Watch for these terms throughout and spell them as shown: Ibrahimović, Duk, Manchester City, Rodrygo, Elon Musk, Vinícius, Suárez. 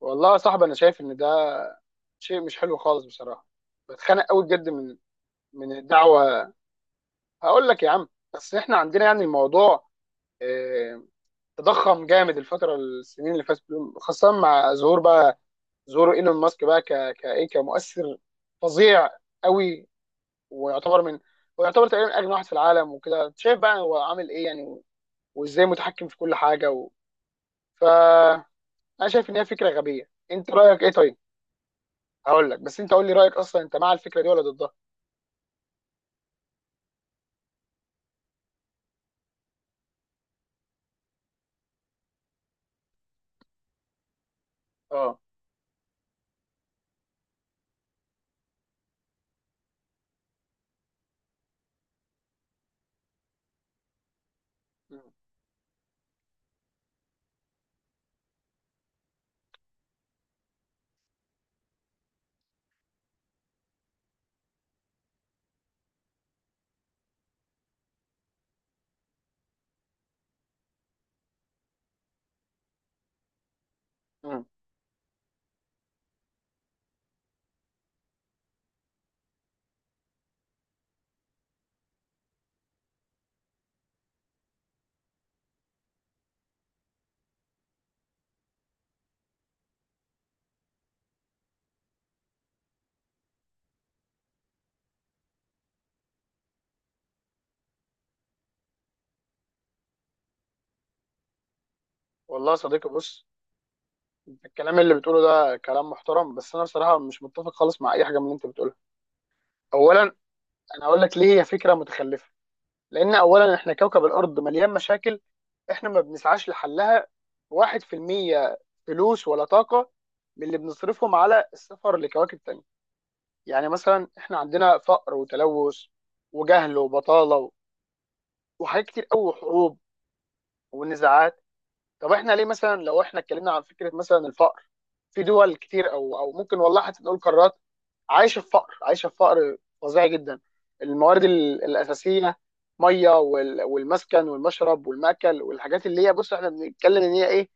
والله يا صاحبي انا شايف ان ده شيء مش حلو خالص بصراحه. بتخانق قوي بجد من من الدعوه. هقول لك يا عم، بس احنا عندنا يعني الموضوع آه، تضخم جامد الفتره، السنين اللي فاتت دول، خاصه مع ظهور بقى ظهور ايلون ماسك بقى ك كايه كمؤثر فظيع قوي. ويعتبر من ويعتبر تقريبا اغنى واحد في العالم وكده، أنت شايف بقى هو عامل ايه يعني، وازاي متحكم في كل حاجه و... ف انا شايف ان هي فكره غبيه. انت رايك ايه طيب؟ هقول لك، بس انت قول لي رايك اصلا، انت مع الفكره دي ولا ضدها؟ اه. مم. مم. والله يا صديقي بص، انت الكلام اللي بتقوله ده كلام محترم، بس انا بصراحه مش متفق خالص مع اي حاجه من اللي انت بتقولها. اولا انا هقول لك ليه هي فكره متخلفه. لان اولا احنا كوكب الارض مليان مشاكل، احنا ما بنسعاش لحلها. 1% فلوس ولا طاقه من اللي بنصرفهم على السفر لكواكب تانية. يعني مثلا احنا عندنا فقر وتلوث وجهل وبطاله وحاجات كتير قوي وحروب ونزاعات. طب احنا ليه؟ مثلا لو احنا اتكلمنا عن فكره مثلا الفقر، في دول كتير او ممكن والله حتى نقول قارات عايشه في فقر، عايشه في فقر فظيع جدا. الموارد الاساسيه، ميه والمسكن والمشرب والمأكل والحاجات اللي هي، بص احنا بنتكلم ان هي ايه،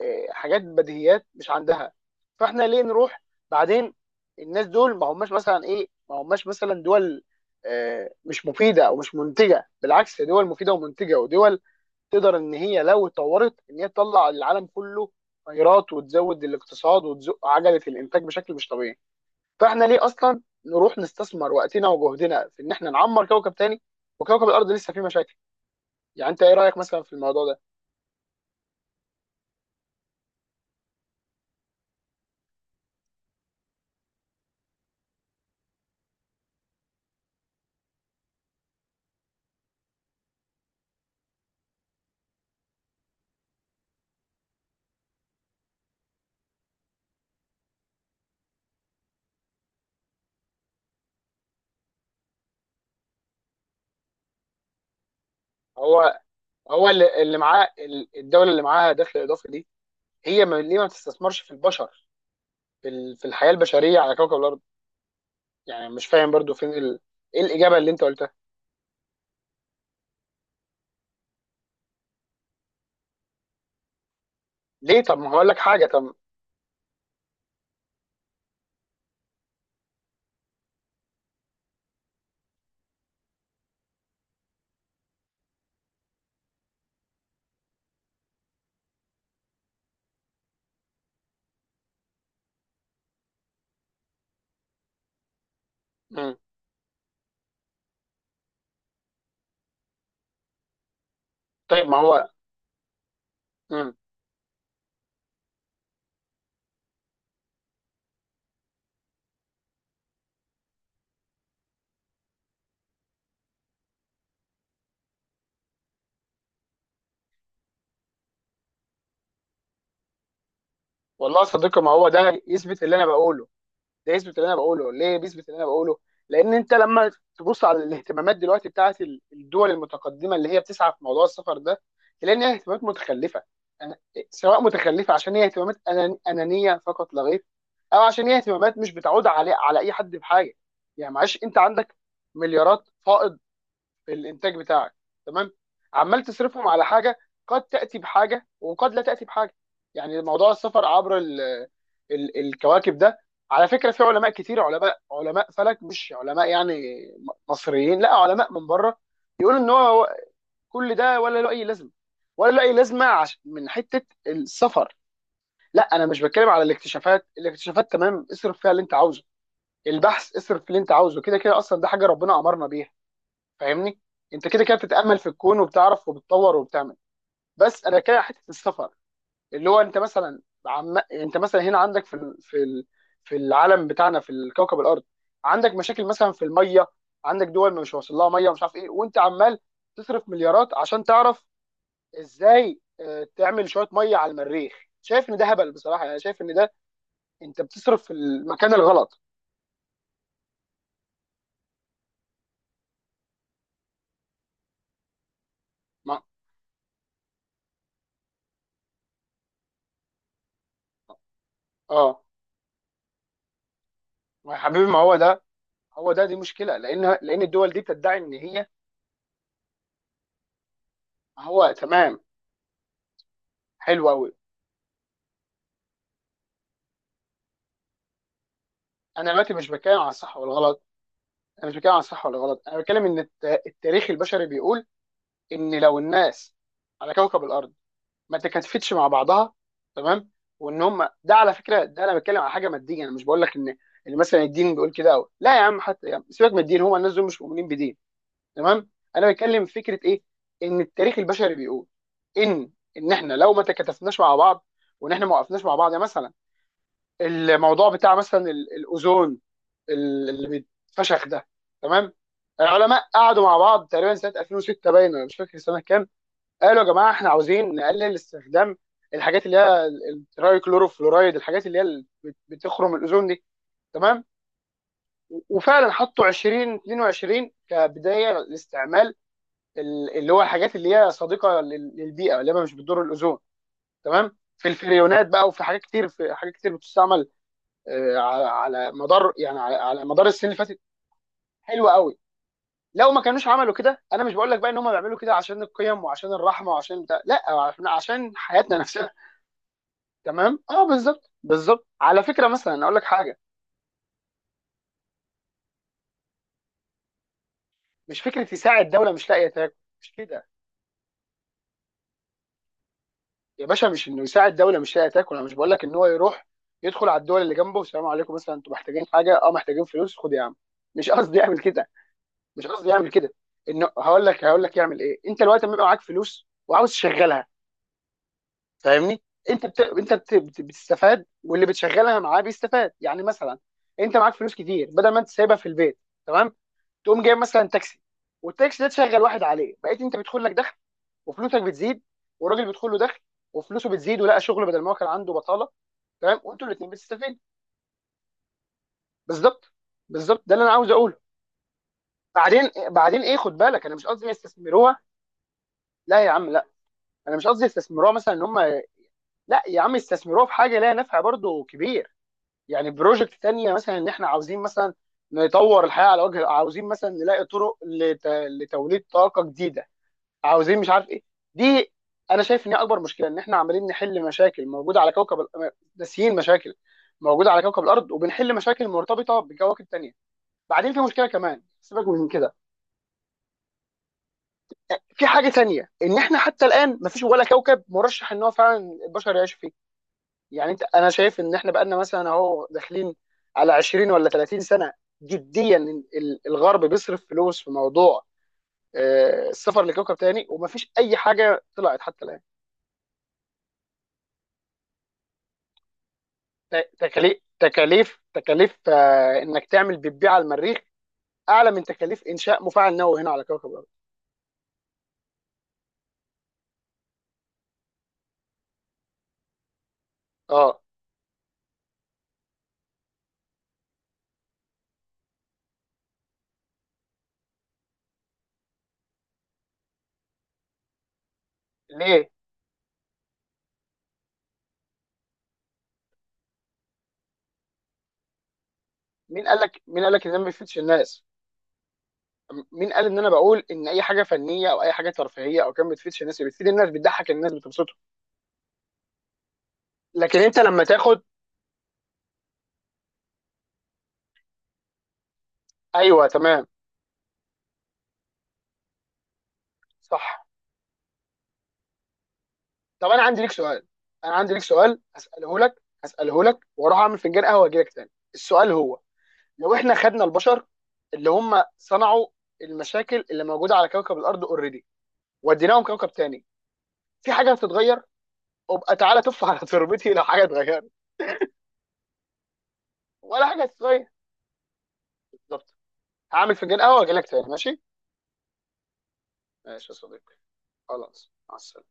حاجات بديهيات مش عندها. فاحنا ليه نروح؟ بعدين الناس دول ما هماش مثلا ايه، ما هماش مثلا دول مش مفيده او مش منتجه، بالعكس دول مفيده ومنتجه، ودول تقدر ان هي لو اتطورت ان هي تطلع للعالم كله خيرات، وتزود الاقتصاد وتزق عجله الانتاج بشكل مش طبيعي. فاحنا ليه اصلا نروح نستثمر وقتنا وجهدنا في ان احنا نعمر كوكب تاني وكوكب الارض لسه فيه مشاكل؟ يعني انت ايه رايك مثلا في الموضوع ده؟ هو هو اللي اللي معاه، الدوله اللي معاها دخل اضافي دي، هي ما ليه ما تستثمرش في البشر، في في الحياه البشريه على كوكب الارض؟ يعني مش فاهم برضو فين ايه الاجابه اللي انت قلتها؟ ليه؟ طب ما هقول لك حاجه طب. مم. طيب ما هو. مم. والله يا صديقي، ما هو ده يثبت اللي انا بقوله، ده يثبت اللي انا بقوله. ليه بيثبت اللي انا بقوله؟ لان انت لما تبص على الاهتمامات دلوقتي بتاعت الدول المتقدمه اللي هي بتسعى في موضوع السفر ده، تلاقي ان هي اهتمامات متخلفه. أنا سواء متخلفه عشان هي اهتمامات انانيه فقط لا غير، او عشان هي اهتمامات مش بتعود على اي حد بحاجه. يعني معلش، انت عندك مليارات فائض الانتاج بتاعك، تمام، عمال تصرفهم على حاجه قد تاتي بحاجه وقد لا تاتي بحاجه. يعني موضوع السفر عبر ال ال الكواكب ده، على فكره في علماء كتير، علماء فلك، مش علماء يعني مصريين، لا علماء من بره، يقولوا ان هو كل ده ولا له اي لازمه، ولا له اي لازمه من حته السفر. لا انا مش بتكلم على الاكتشافات، الاكتشافات تمام، اصرف فيها اللي انت عاوزه، البحث اصرف اللي انت عاوزه، كده كده اصلا ده حاجه ربنا امرنا بيها. فاهمني؟ انت كده كده بتتامل في الكون وبتعرف وبتطور وبتعمل. بس انا كده حته السفر اللي هو، انت مثلا انت مثلا هنا عندك في في العالم بتاعنا في الكوكب الارض، عندك مشاكل مثلا في الميه، عندك دول مش واصل لها ميه ومش عارف ايه، وانت عمال تصرف مليارات عشان تعرف ازاي تعمل شويه ميه على المريخ. شايف ان ده هبل بصراحه. يعني شايف ان ده، انت بتصرف في المكان الغلط. ما... اه، ما يا حبيبي ما هو ده، هو ده، دي مشكله. لان الدول دي بتدعي ان هي. هو تمام، حلو قوي. انا دلوقتي مش بتكلم على الصح والغلط، انا مش بتكلم على الصح والغلط، انا بتكلم ان التاريخ البشري بيقول ان لو الناس على كوكب الارض ما تكاتفتش مع بعضها، تمام، وان هم ده على فكره، ده انا بتكلم على حاجه ماديه، انا مش بقول لك ان ان مثلا الدين بيقول كده أو. لا يا عم، حتى يا عم سيبك من الدين، هم الناس دول مش مؤمنين بدين، تمام. انا بتكلم في فكره ايه، ان التاريخ البشري بيقول ان احنا لو ما تكاتفناش مع بعض، وان احنا ما وقفناش مع بعض، يعني مثلا الموضوع بتاع مثلا الاوزون اللي بيتفشخ ده، تمام. العلماء قعدوا مع بعض تقريبا سنه 2006 باين، ولا مش فاكر سنه كام، قالوا يا جماعه احنا عاوزين نقلل استخدام الحاجات اللي هي الترايكلوروفلورايد، الحاجات اللي هي اللي بتخرم الاوزون دي، تمام. وفعلا حطوا 20 22 كبدايه لاستعمال اللي هو الحاجات اللي هي صديقه للبيئه اللي هي مش بتضر الاوزون، تمام. في الفريونات بقى، وفي حاجات كتير، في حاجات كتير بتستعمل على مدار يعني على مدار السنين اللي فاتت. حلوه قوي. لو ما كانوش عملوا كده، انا مش بقول لك بقى ان هم بيعملوا كده عشان القيم وعشان الرحمه وعشان ده، لا عشان حياتنا نفسها. تمام، اه، بالظبط، بالظبط. على فكره مثلا اقول لك حاجه. مش فكره يساعد دوله مش لاقيه تاكل. مش كده يا باشا، مش انه يساعد دوله مش لاقيه تاكل، انا مش بقول لك ان هو يروح يدخل على الدول اللي جنبه والسلام عليكم، مثلا انتوا محتاجين حاجه؟ اه محتاجين فلوس، خد يا عم. مش قصدي يعمل كده، مش قصدي يعمل كده. انه هقول لك يعمل ايه. انت دلوقتي لما يبقى معاك فلوس وعاوز تشغلها، فاهمني؟ انت بتستفاد، واللي بتشغلها معاه بيستفاد. يعني مثلا انت معاك فلوس كتير، بدل ما انت سايبها في البيت، تمام، تقوم جايب مثلا تاكسي، والتاكسي ده تشغل واحد عليه، بقيت انت بيدخل لك دخل وفلوسك بتزيد، والراجل بيدخل له دخل وفلوسه بتزيد، ولقى شغل بدل ما هو كان عنده بطاله. تمام، وانتوا الاثنين بتستفيدوا. بالظبط، بالظبط ده اللي انا عاوز اقوله. بعدين ايه، خد بالك انا مش قصدي يستثمروها. لا يا عم لا، انا مش قصدي يستثمروها مثلا ان هم، لا يا عم يستثمروها في حاجه ليها نفع برضه كبير. يعني بروجكت تانية مثلا، ان احنا عاوزين مثلا نطور الحياه على وجه، عاوزين مثلا نلاقي طرق لتوليد طاقه جديده، عاوزين مش عارف ايه. دي انا شايف ان هي اكبر مشكله، ان احنا عمالين نحل مشاكل موجوده على كوكب ناسيين مشاكل موجوده على كوكب الارض، وبنحل مشاكل مرتبطه بكواكب تانية. بعدين في مشكله كمان، سيبك من كده، في حاجه تانية ان احنا حتى الان مفيش ولا كوكب مرشح ان هو فعلا البشر يعيشوا فيه. يعني انت، انا شايف ان احنا بقالنا مثلا اهو داخلين على 20 ولا 30 سنه جديا، الغرب بيصرف فلوس في موضوع السفر لكوكب تاني، ومفيش اي حاجه طلعت حتى الان. تكاليف تكاليف انك تعمل بيبي على المريخ اعلى من تكاليف انشاء مفاعل نووي هنا على كوكب الارض. اه. ليه؟ مين قال لك؟ مين قال لك ان ده ما بيفيدش الناس؟ مين قال ان انا بقول ان اي حاجه فنيه او اي حاجه ترفيهيه او كان ما بتفيدش الناس؟ بتفيد الناس، بتضحك الناس، بتبسطهم. لكن انت لما تاخد، ايوه تمام، صح. طب انا عندي ليك سؤال، انا عندي ليك سؤال هساله لك، هساله لك واروح اعمل فنجان قهوه واجي لك تاني. السؤال هو، لو احنا خدنا البشر اللي هم صنعوا المشاكل اللي موجوده على كوكب الارض اوريدي، وديناهم كوكب تاني، في حاجه هتتغير؟ ابقى تعالى تف على تربتي لو حاجه اتغيرت. ولا حاجه هتتغير. بالظبط. هعمل فنجان قهوه واجي لك تاني، ماشي. ماشي يا صديقي. خلاص، مع السلامه.